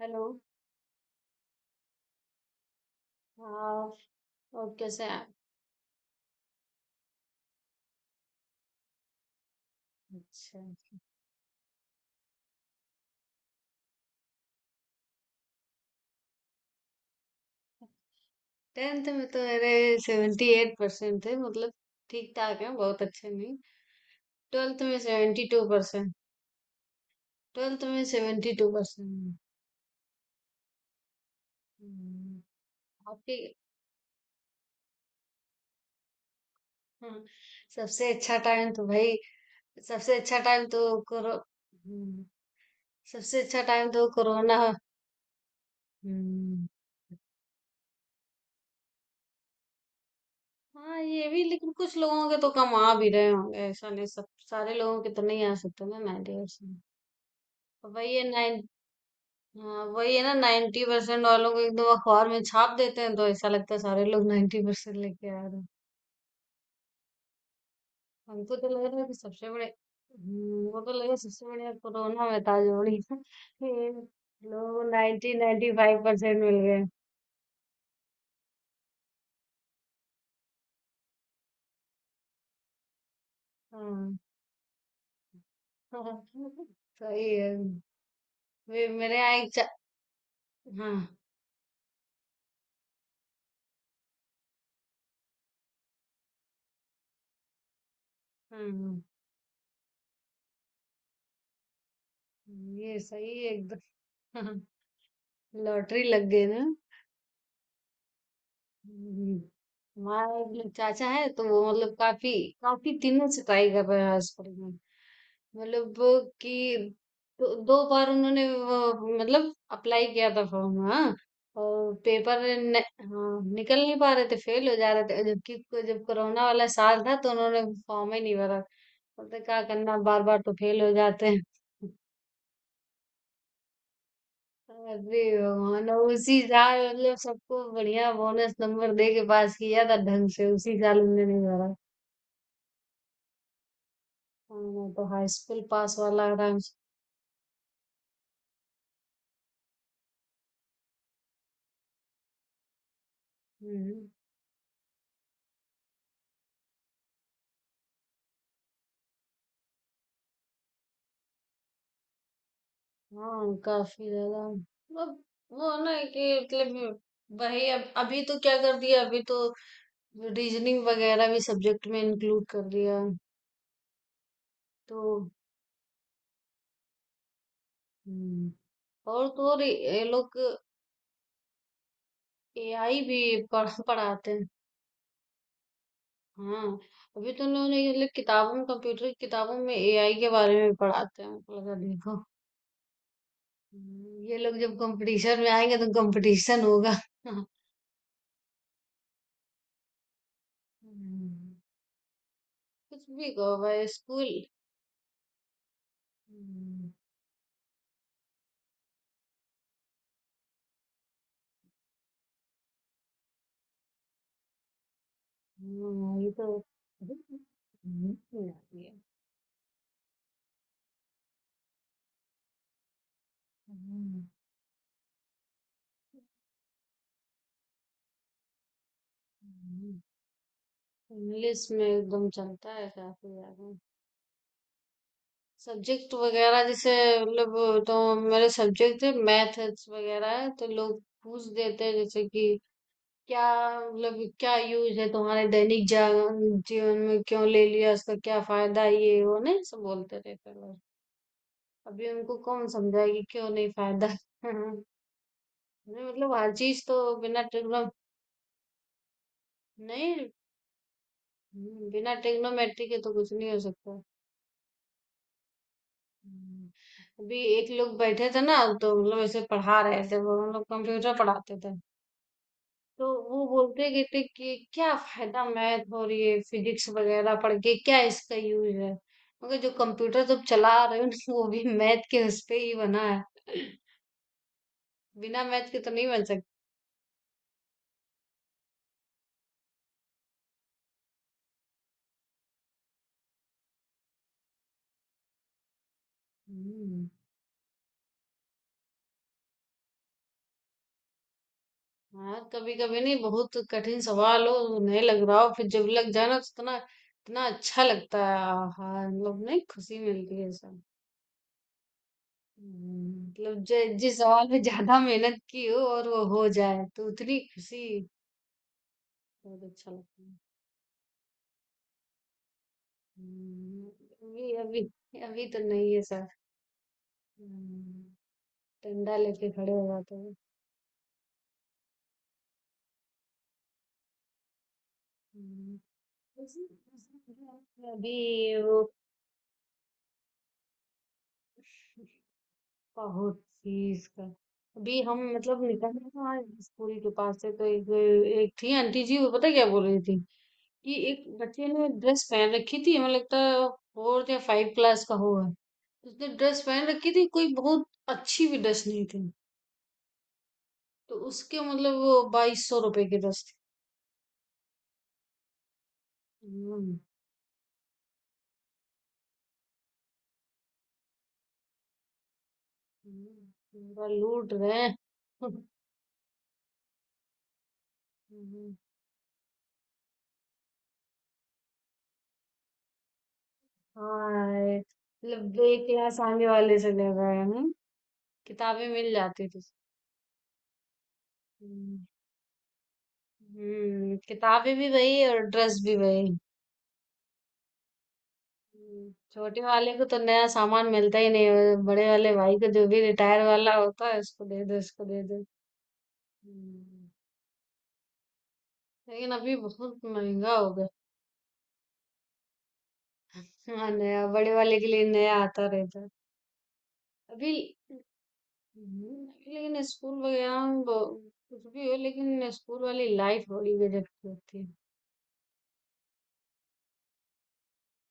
Hello. हाँ। और कैसे हैं आप? अच्छा। टेंथ में तो मेरे 78% परसेंट थे, मतलब ठीक ठाक है, बहुत अच्छे नहीं। ट्वेल्थ में 72% टू परसेंट। ट्वेल्थ में 72% टू परसेंट। आपकी? हाँ, सबसे अच्छा टाइम तो भाई, सबसे अच्छा टाइम तो कोरो सबसे अच्छा टाइम तो कोरोना। हम्म, हाँ ये भी, लेकिन कुछ लोगों के तो कम आ भी रहे होंगे, ऐसा नहीं सब सारे लोगों के तो नहीं आ सकते ना 90%। वही है नाइन। हाँ, वही है ना, 90% वालों को एकदम अखबार में छाप देते हैं, तो ऐसा लगता है सारे लोग 90% लेके आ रहे हैं। हमको तो लग रहा है कि सबसे बड़े वो तो लगा सबसे बढ़िया कोरोना में था जोड़ी ये लोग 90, 95% मिल गए। हाँ। सही है। वे मेरे यहाँ एक हाँ हाँ। हाँ, ये सही है एकदम। लॉटरी लग गई ना। हम्म। हमारा एक लोग चाचा है, तो वो मतलब काफी काफी दिनों से ट्राई कर रहे हैं हॉस्पिटल में। मतलब वो कि दो, दो बार उन्होंने वो, मतलब अप्लाई किया था फॉर्म, हाँ। और पेपर न, हाँ, निकल नहीं पा रहे थे, फेल हो जा रहे थे, जबकि जब कोरोना वाला साल था तो उन्होंने फॉर्म ही नहीं भरा। बोलते क्या करना, बार बार तो फेल हो जाते हैं। अरे भगवान, और उसी साल मतलब सबको बढ़िया बोनस नंबर दे के पास किया था ढंग से, उसी साल हमने नहीं भरा। हाँ, मैं तो हाई स्कूल पास वाला था। हम्म। हाँ काफी ज्यादा। वो वो ना कि मतलब वही, अब अभी तो क्या कर दिया, अभी तो रीजनिंग वगैरह भी सब्जेक्ट में इंक्लूड कर दिया। तो हम्म। और तो और ये लोग एआई भी पढ़ाते हैं। हाँ, अभी तो उन्होंने ये लोग नहीं, मतलब किताबों में, कंप्यूटर की किताबों में एआई के बारे में पढ़ाते हैं, हमको लगा देखो। ये लोग जब कंपटीशन में आएंगे तो कंपटीशन होगा। हम्म। कुछ भी कहो भाई स्कूल। हम्म। हाँ, ये तो। हम्म। आती है। हम्म। हम्म। इंग्लिश में एकदम चलता है काफी ज्यादा। सब्जेक्ट वगैरह जैसे, मतलब तो मेरे सब्जेक्ट है मैथ्स वगैरह है, तो लोग पूछ देते हैं, जैसे कि क्या, मतलब क्या यूज है तुम्हारे दैनिक जीवन में, क्यों ले लिया, उसका क्या फायदा, ये वो नहीं सब बोलते रहते हैं लोग। अभी उनको कौन समझाए कि क्यों नहीं फायदा। नहीं मतलब हर चीज तो बिना ट्रिग्नो नहीं। बिना ट्रिग्नोमेट्री के तो कुछ नहीं हो सकता। हम्म। अभी एक लोग बैठे थे ना, तो मतलब ऐसे पढ़ा रहे थे वो, मतलब कंप्यूटर पढ़ाते थे, तो वो बोलते कहते कि क्या फायदा मैथ और ये फिजिक्स वगैरह पढ़ के, क्या इसका यूज है। मगर जो कंप्यूटर तुम चला रहे हो ना, वो भी मैथ के उस पे ही बना है, बिना मैथ के तो नहीं बन सकता। हम्म। हाँ कभी कभी नहीं, बहुत कठिन सवाल हो, नहीं लग रहा हो, फिर जब लग जाए ना, तो इतना इतना अच्छा लगता है। हाँ मतलब नहीं, खुशी मिलती है सब। मतलब जिस सवाल में ज्यादा मेहनत की हो और वो हो जाए, तो उतनी खुशी, बहुत अच्छा लगता है। हम्म। अभी अभी अभी तो नहीं है सर। हम्म। डंडा लेके खड़े हो जाते हैं। हम्म। अभी, वो बहुत चीज का। अभी हम मतलब निकल रहे थे वहाँ स्कूल के पास से, तो एक एक थी आंटी जी, वो पता क्या बोल रही थी कि एक बच्चे ने ड्रेस पहन रखी थी, हमें लगता है फोर्थ या फाइव क्लास का होगा। उसने ड्रेस पहन रखी थी, कोई बहुत अच्छी भी ड्रेस नहीं थी, तो उसके मतलब वो ₹2200 की ड्रेस थी। हम्म। पूरा लूट रहे हैं। हम्म। हाय, मतलब एक क्लास आगे वाले चले गए, हम किताबें मिल जाती थी। हम्म। किताबें भी वही और ड्रेस भी वही। छोटे वाले को तो नया सामान मिलता ही नहीं है, बड़े वाले भाई को जो भी रिटायर वाला होता है उसको दे दो, इसको दे दो। हम्म, लेकिन अभी बहुत महंगा हो गया। हाँ, नया बड़े वाले के लिए नया आता रहता है। अभी हम्म। लेकिन स्कूल वगैरह में कुछ भी हो, लेकिन स्कूल वाली लाइफ बड़ी गजब की होती है।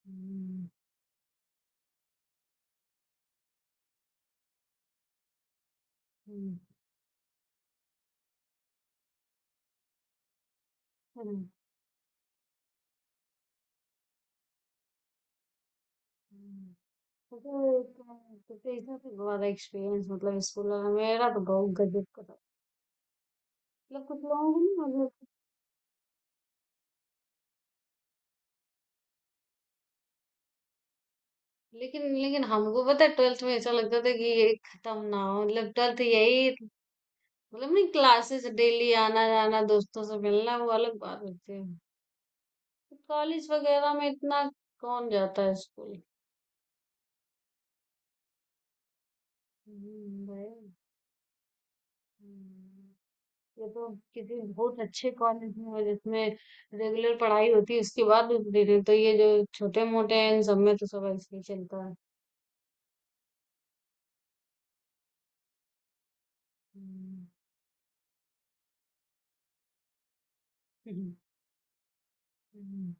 हम्म। हम्म। हम्म। हम्म। तो इसमें तो बहुत एक्सपीरियंस, मतलब स्कूल वाला मेरा तो बहुत गजब का था। मतलब कुछ लोगों को ना मतलब। लेकिन लेकिन हमको पता है ट्वेल्थ में ऐसा लगता था कि ये खत्म ना हो, मतलब ट्वेल्थ यही, मतलब नहीं, क्लासेस डेली आना जाना दोस्तों से मिलना, वो अलग बात होती है। कॉलेज वगैरह में इतना कौन जाता है स्कूल। भाई। हुँ। ये तो किसी बहुत अच्छे कॉलेज में जिसमें रेगुलर पढ़ाई होती है उसके बाद भी दे रहे, तो ये जो छोटे-मोटे हैं इन सब में तो सब ऐसे ही चलता है। हुँ। हुँ। हुँ।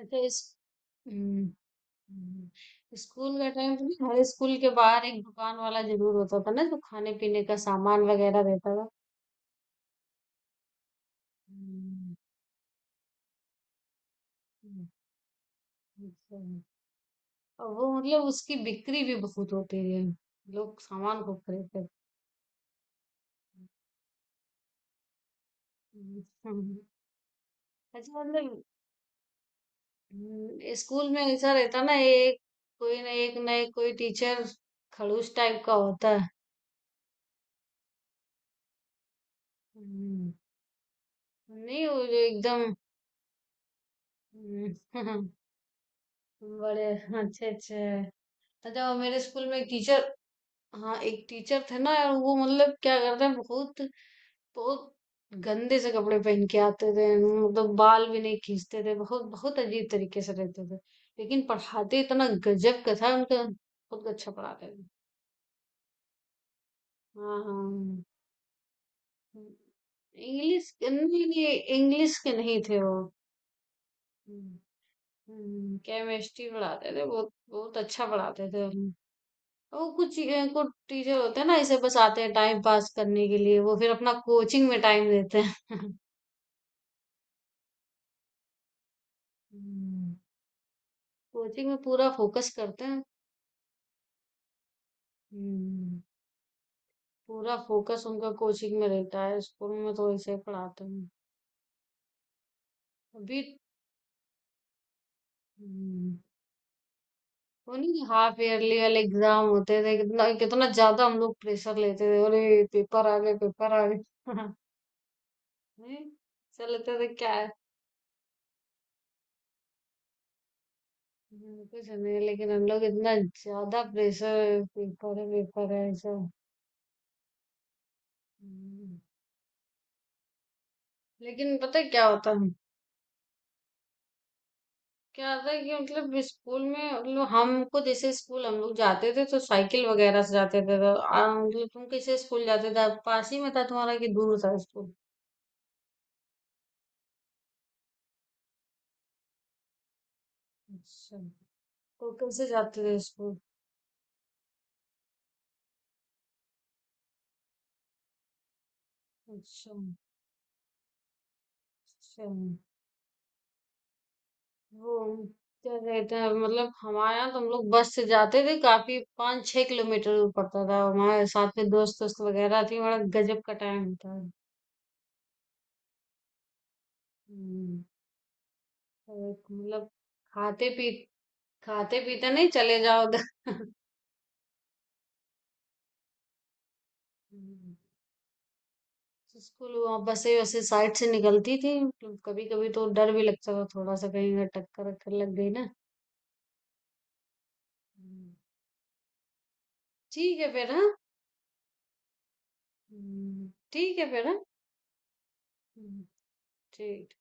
अच्छा इस। हुँ। हुँ। स्कूल का टाइम तो, नहीं हर स्कूल के बाहर एक दुकान वाला ज़रूर होता था ना जो खाने-पीने का सामान वगैरह रहता था? हुँ। हुँ। अच्छा। और वो मतलब उसकी बिक्री भी बहुत होती है। लोग सामान खूब खरीदते थे। हुँ। हुँ। अच्छा मतलब स्कूल में ऐसा रहता ना, एक कोई ना, एक ना एक कोई टीचर खड़ूस टाइप का होता है। हम्म। नहीं वो जो एकदम। हम्म। बड़े अच्छे अच्छे हैं। अच्छा, वो मेरे स्कूल में एक टीचर, हाँ एक टीचर थे ना यार, वो मतलब क्या करते हैं, बहुत बहुत गंदे से कपड़े पहन के आते थे, मतलब बाल भी नहीं खींचते थे, बहुत बहुत अजीब तरीके से रहते थे, लेकिन पढ़ाते इतना गजब का था उनका, बहुत अच्छा पढ़ाते थे। हाँ हाँ। इंग्लिश के नहीं, नहीं इंग्लिश के नहीं थे वो, केमिस्ट्री पढ़ाते थे, बहुत बहुत अच्छा पढ़ाते थे हमें। वो कुछ कुछ टीचर होते हैं ना ऐसे, बस आते हैं टाइम पास करने के लिए, वो फिर अपना कोचिंग में टाइम देते हैं। कोचिंग में पूरा फोकस करते हैं, पूरा फोकस उनका कोचिंग में रहता है, स्कूल में तो ऐसे ही पढ़ाते हैं। अभी वो नहीं, हाफ ईयरली वाले एग्जाम होते थे, कितना कितना ज्यादा हम लोग प्रेशर लेते थे, अरे पेपर आ गए नहीं, ऐसा लगता था क्या है। कुछ नहीं लेकिन हम लोग इतना ज्यादा प्रेशर, पेपर है ऐसा। हम्म। लेकिन पता है क्या होता है, क्या होता है कि, मतलब स्कूल में, मतलब हमको जैसे स्कूल हम लोग जाते थे तो साइकिल वगैरह से जाते थे, तो मतलब तुम कैसे स्कूल जाते थे, पास ही में था तुम्हारा कि दूर था स्कूल? अच्छा, तो कैसे जाते थे स्कूल? अच्छा, अच्छा, वो क्या कहते हैं, मतलब हमारे यहाँ तो हम लोग बस से जाते थे, काफी 5-6 किलोमीटर दूर पड़ता था, हमारे साथ में दोस्त दोस्त वगैरह थी, बड़ा गजब का टाइम होता है। हम्म। तो एक मतलब खाते पी खाते पीते नहीं चले जाओ उधर। हम्म। स्कूल वहाँ बसें वैसे साइड से निकलती थी, तो कभी कभी तो डर भी लगता था थोड़ा सा, कहीं अगर टक्कर वक्कर लग गई ना। हम्म, ठीक है फिर हाँ। ठीक है फिर हाँ। हम्म, ठीक